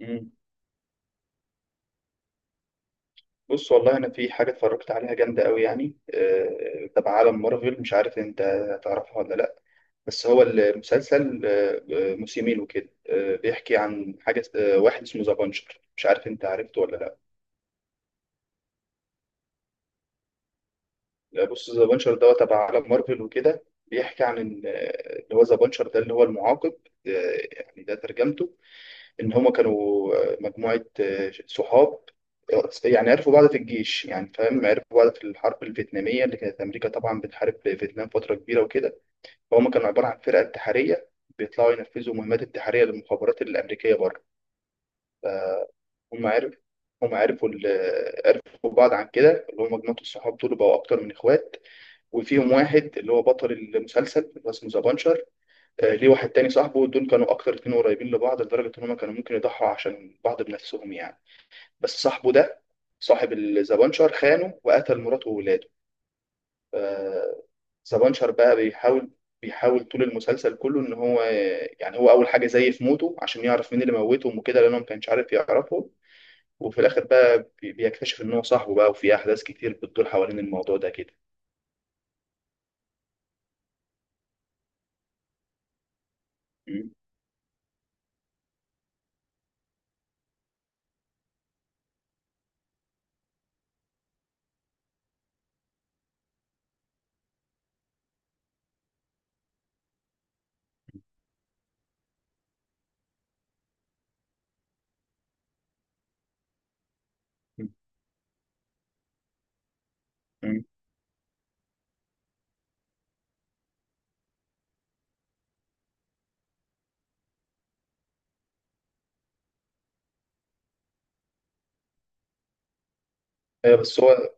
مم. بص والله انا في حاجه اتفرجت عليها جامده قوي يعني تبع عالم مارفل، مش عارف انت تعرفها ولا لا. بس هو المسلسل، موسمين وكده. بيحكي عن حاجه، واحد اسمه ذا بانشر، مش عارف انت عرفته ولا لا. لا، بص ذا بانشر ده تبع عالم مارفل وكده، بيحكي عن إن، اللي هو ذا بانشر ده اللي هو المعاقب، آه، يعني ده ترجمته. ان هما كانوا، مجموعه صحاب، يعني عرفوا بعض في الجيش، يعني فاهم، عرفوا بعض في الحرب الفيتناميه اللي كانت امريكا طبعا بتحارب فيتنام فتره كبيره وكده. فهم كانوا عباره عن فرقه انتحاريه، بيطلعوا ينفذوا مهمات انتحاريه للمخابرات الامريكيه بره. هم عرفوا هم عرفوا عرفوا بعض عن كده، اللي هم مجموعه الصحاب دول بقوا اكتر من اخوات. وفيهم واحد اللي هو بطل المسلسل اللي هو اسمه ذا بانشر، ليه واحد تاني صاحبه، دول كانوا اكتر اتنين قريبين لبعض لدرجه ان هم كانوا ممكن يضحوا عشان بعض بنفسهم يعني. بس صاحبه ده صاحب الزبانشر خانه وقتل مراته وولاده. ف- زبانشر بقى بيحاول طول المسلسل كله ان هو، يعني هو اول حاجه زيف موته عشان يعرف مين اللي موتهم وكده، لانه ما كانش عارف يعرفهم. وفي الاخر بقى بيكتشف ان هو صاحبه بقى، وفي احداث كتير بتدور حوالين الموضوع ده كده. م- م- م. ايوه، بس هو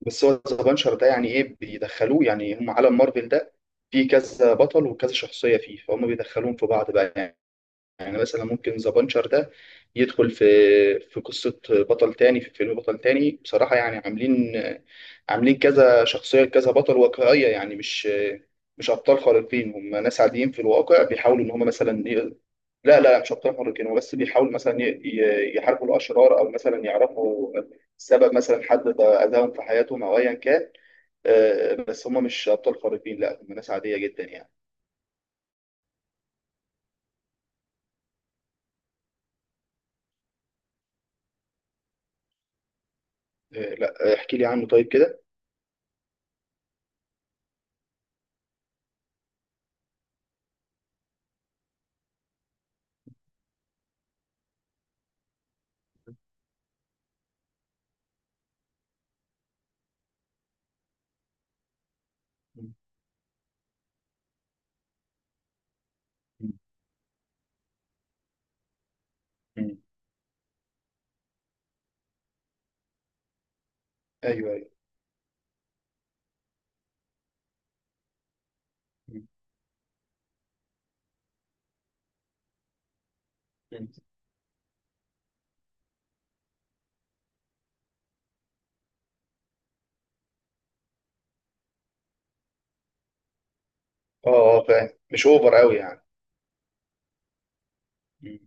بس هو زبانشر ده يعني ايه بيدخلوه، يعني هم عالم مارفل ده فيه كذا بطل وكذا شخصيه فيه، فهم بيدخلوهم في بعض بقى يعني. يعني مثلا ممكن ذا بانشر ده يدخل في في قصة بطل تاني، في فيلم بطل تاني بصراحة. يعني عاملين كذا شخصية كذا بطل واقعية، يعني مش أبطال خارقين، هم ناس عاديين في الواقع بيحاولوا إن هم مثلا لا لا مش أبطال خارقين، هم بس بيحاولوا مثلا يحاربوا الأشرار، أو مثلا يعرفوا سبب مثلا حد أذاهم في حياتهم أو أيا كان. بس هم مش أبطال خارقين، لا هم ناس عادية جدا يعني. لا احكي لي عنه طيب كده. ايوه، ايوه. مم. مم. اه، اه، فاهم، مش اوفر قوي يعني. مم.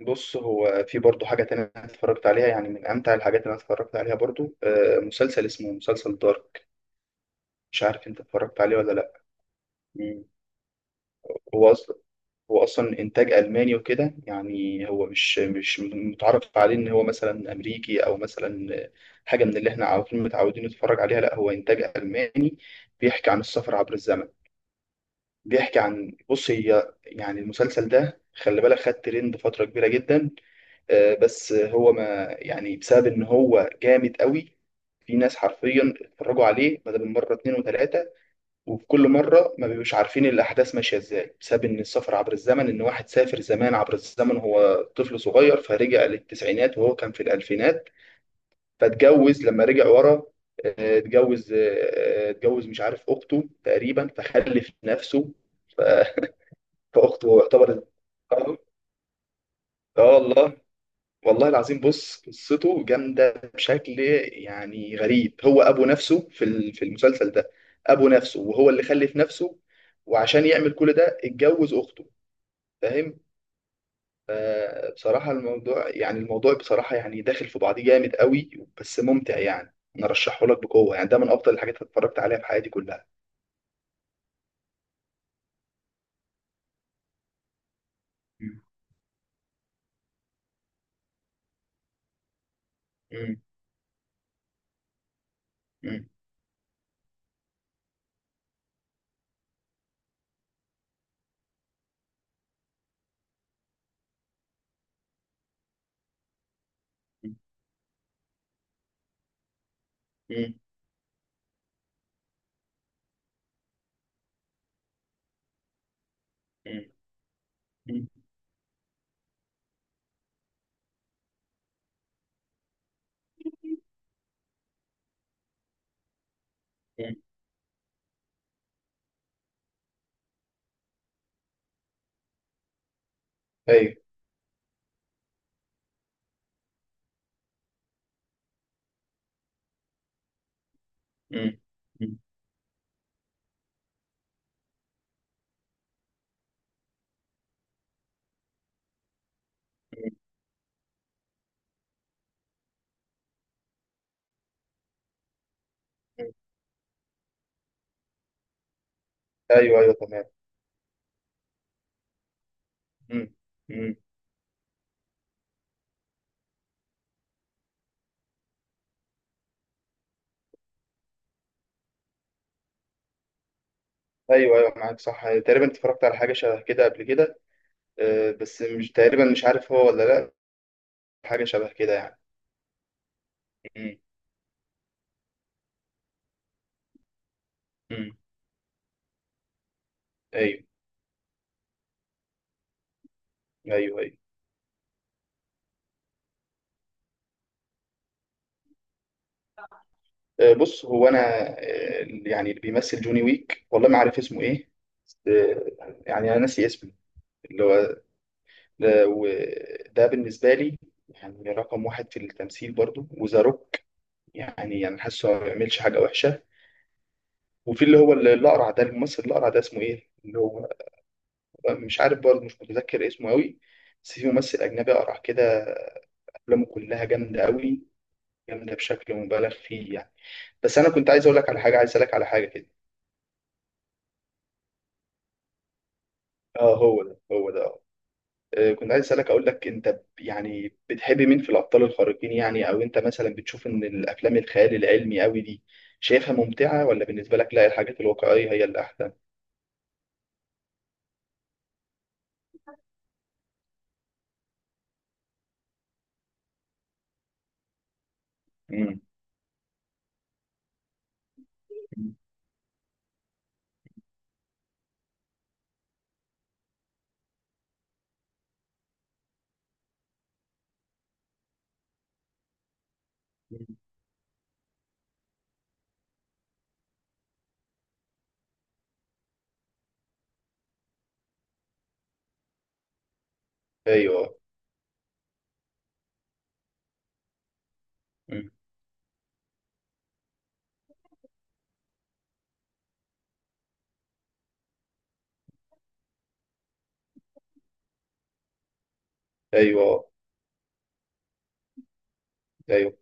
بص هو في برضه حاجه تانية أنا اتفرجت عليها، يعني من امتع الحاجات اللي انا اتفرجت عليها برضه، مسلسل اسمه مسلسل دارك. مش عارف انت اتفرجت عليه ولا لا. مم. هو اصلا هو اصلا انتاج الماني وكده، يعني هو مش متعرف عليه ان هو مثلا امريكي او مثلا حاجه من اللي احنا عارفين متعودين نتفرج عليها. لا هو انتاج الماني. بيحكي عن السفر عبر الزمن. بيحكي عن، بص هي يعني المسلسل ده خلي بالك خد ترند فترة كبيرة جدا، بس هو ما يعني، بسبب ان هو جامد قوي في ناس حرفيا اتفرجوا عليه بدل من مرة اتنين وتلاتة، وفي كل مرة ما بيبقوش عارفين الأحداث ماشية ازاي، بسبب ان السفر عبر الزمن، ان واحد سافر زمان عبر الزمن، هو طفل صغير فرجع للتسعينات وهو كان في الألفينات، فاتجوز لما رجع ورا، اتجوز، اتجوز مش عارف أخته تقريبا، فخلف نفسه. فاخته يعتبر، اه. والله، والله العظيم، بص قصته جامده بشكل يعني غريب. هو ابو نفسه في في المسلسل ده، ابو نفسه وهو اللي خلف نفسه، وعشان يعمل كل ده اتجوز اخته، فاهم. بصراحه الموضوع، يعني الموضوع بصراحه يعني داخل في بعضيه جامد قوي، بس ممتع يعني. انا ارشحه لك بقوه، يعني ده من افضل الحاجات اللي اتفرجت عليها في حياتي كلها. مم. مم. مم. مم. مم. مم. مم. ايوه. مم. مم. ايوه، ايوه، تمام. امم امم ايوه، ايوه، معاك صح. تقريبا اتفرجت على حاجه شبه كده قبل كده، بس مش تقريبا مش عارف هو ولا لا، حاجه شبه كده يعني. امم امم ايوه، ايوه، ايوه. بص هو انا، يعني اللي بيمثل جوني ويك، والله ما عارف اسمه ايه. يعني انا ناسي اسمه، اللي هو ده، وده بالنسبه لي يعني رقم واحد في التمثيل برضو. وذا روك، يعني يعني حاسه ما بيعملش حاجه وحشه. وفي اللي هو اللي الاقرع ده، الممثل الاقرع ده اسمه ايه، اللي هو مش عارف برضه مش متذكر اسمه قوي، بس في ممثل أجنبي أقرع كده، أفلامه كلها جامدة قوي، جامدة بشكل مبالغ فيه يعني. بس أنا كنت عايز أقول لك على حاجة، عايز أسألك على حاجة كده. أه هو ده، هو ده أه. كنت عايز أسألك، أقول لك أنت يعني بتحب مين في الأبطال الخارقين يعني، أو أنت مثلا بتشوف إن الأفلام الخيال العلمي قوي دي شايفها ممتعة، ولا بالنسبة لك لا الحاجات الواقعية هي اللي أحسن؟ مم. مم. أيوه. مم. أيوه، أيوه.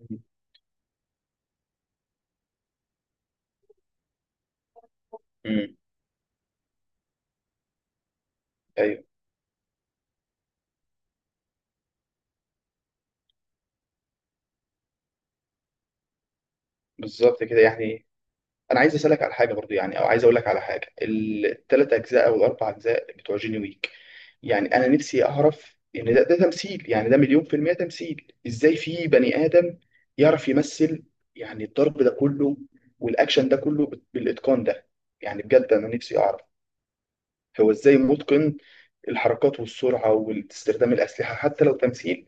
مم. مم. أيوه، بالظبط كده يعني. انا عايز اسالك على حاجه برضو، يعني او عايز اقول لك على حاجه، الثلاث اجزاء او الاربع اجزاء بتوع جيني ويك، يعني انا نفسي اعرف ان ده تمثيل، يعني ده مليون في المية تمثيل. ازاي في بني ادم يعرف يمثل يعني الضرب ده كله والاكشن ده كله بالاتقان ده، يعني بجد انا نفسي اعرف هو ازاي متقن الحركات والسرعه واستخدام الاسلحه حتى لو تمثيل.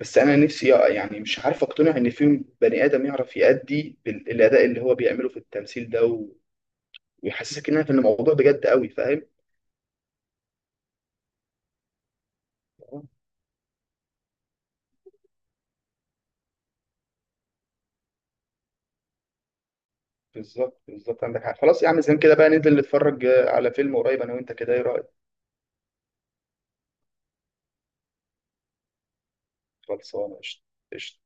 بس انا نفسي يعني مش عارف اقتنع ان في بني ادم يعرف يأدي الاداء اللي هو بيعمله في التمثيل ده، ويحسسك ان أنا في الموضوع بجد قوي، فاهم. آه، بالظبط، بالظبط، عندك حق. خلاص يا عم زين كده بقى، ننزل نتفرج على فيلم قريب انا وانت كده، ايه رايك؟ خلصانه قشطه. قشطة.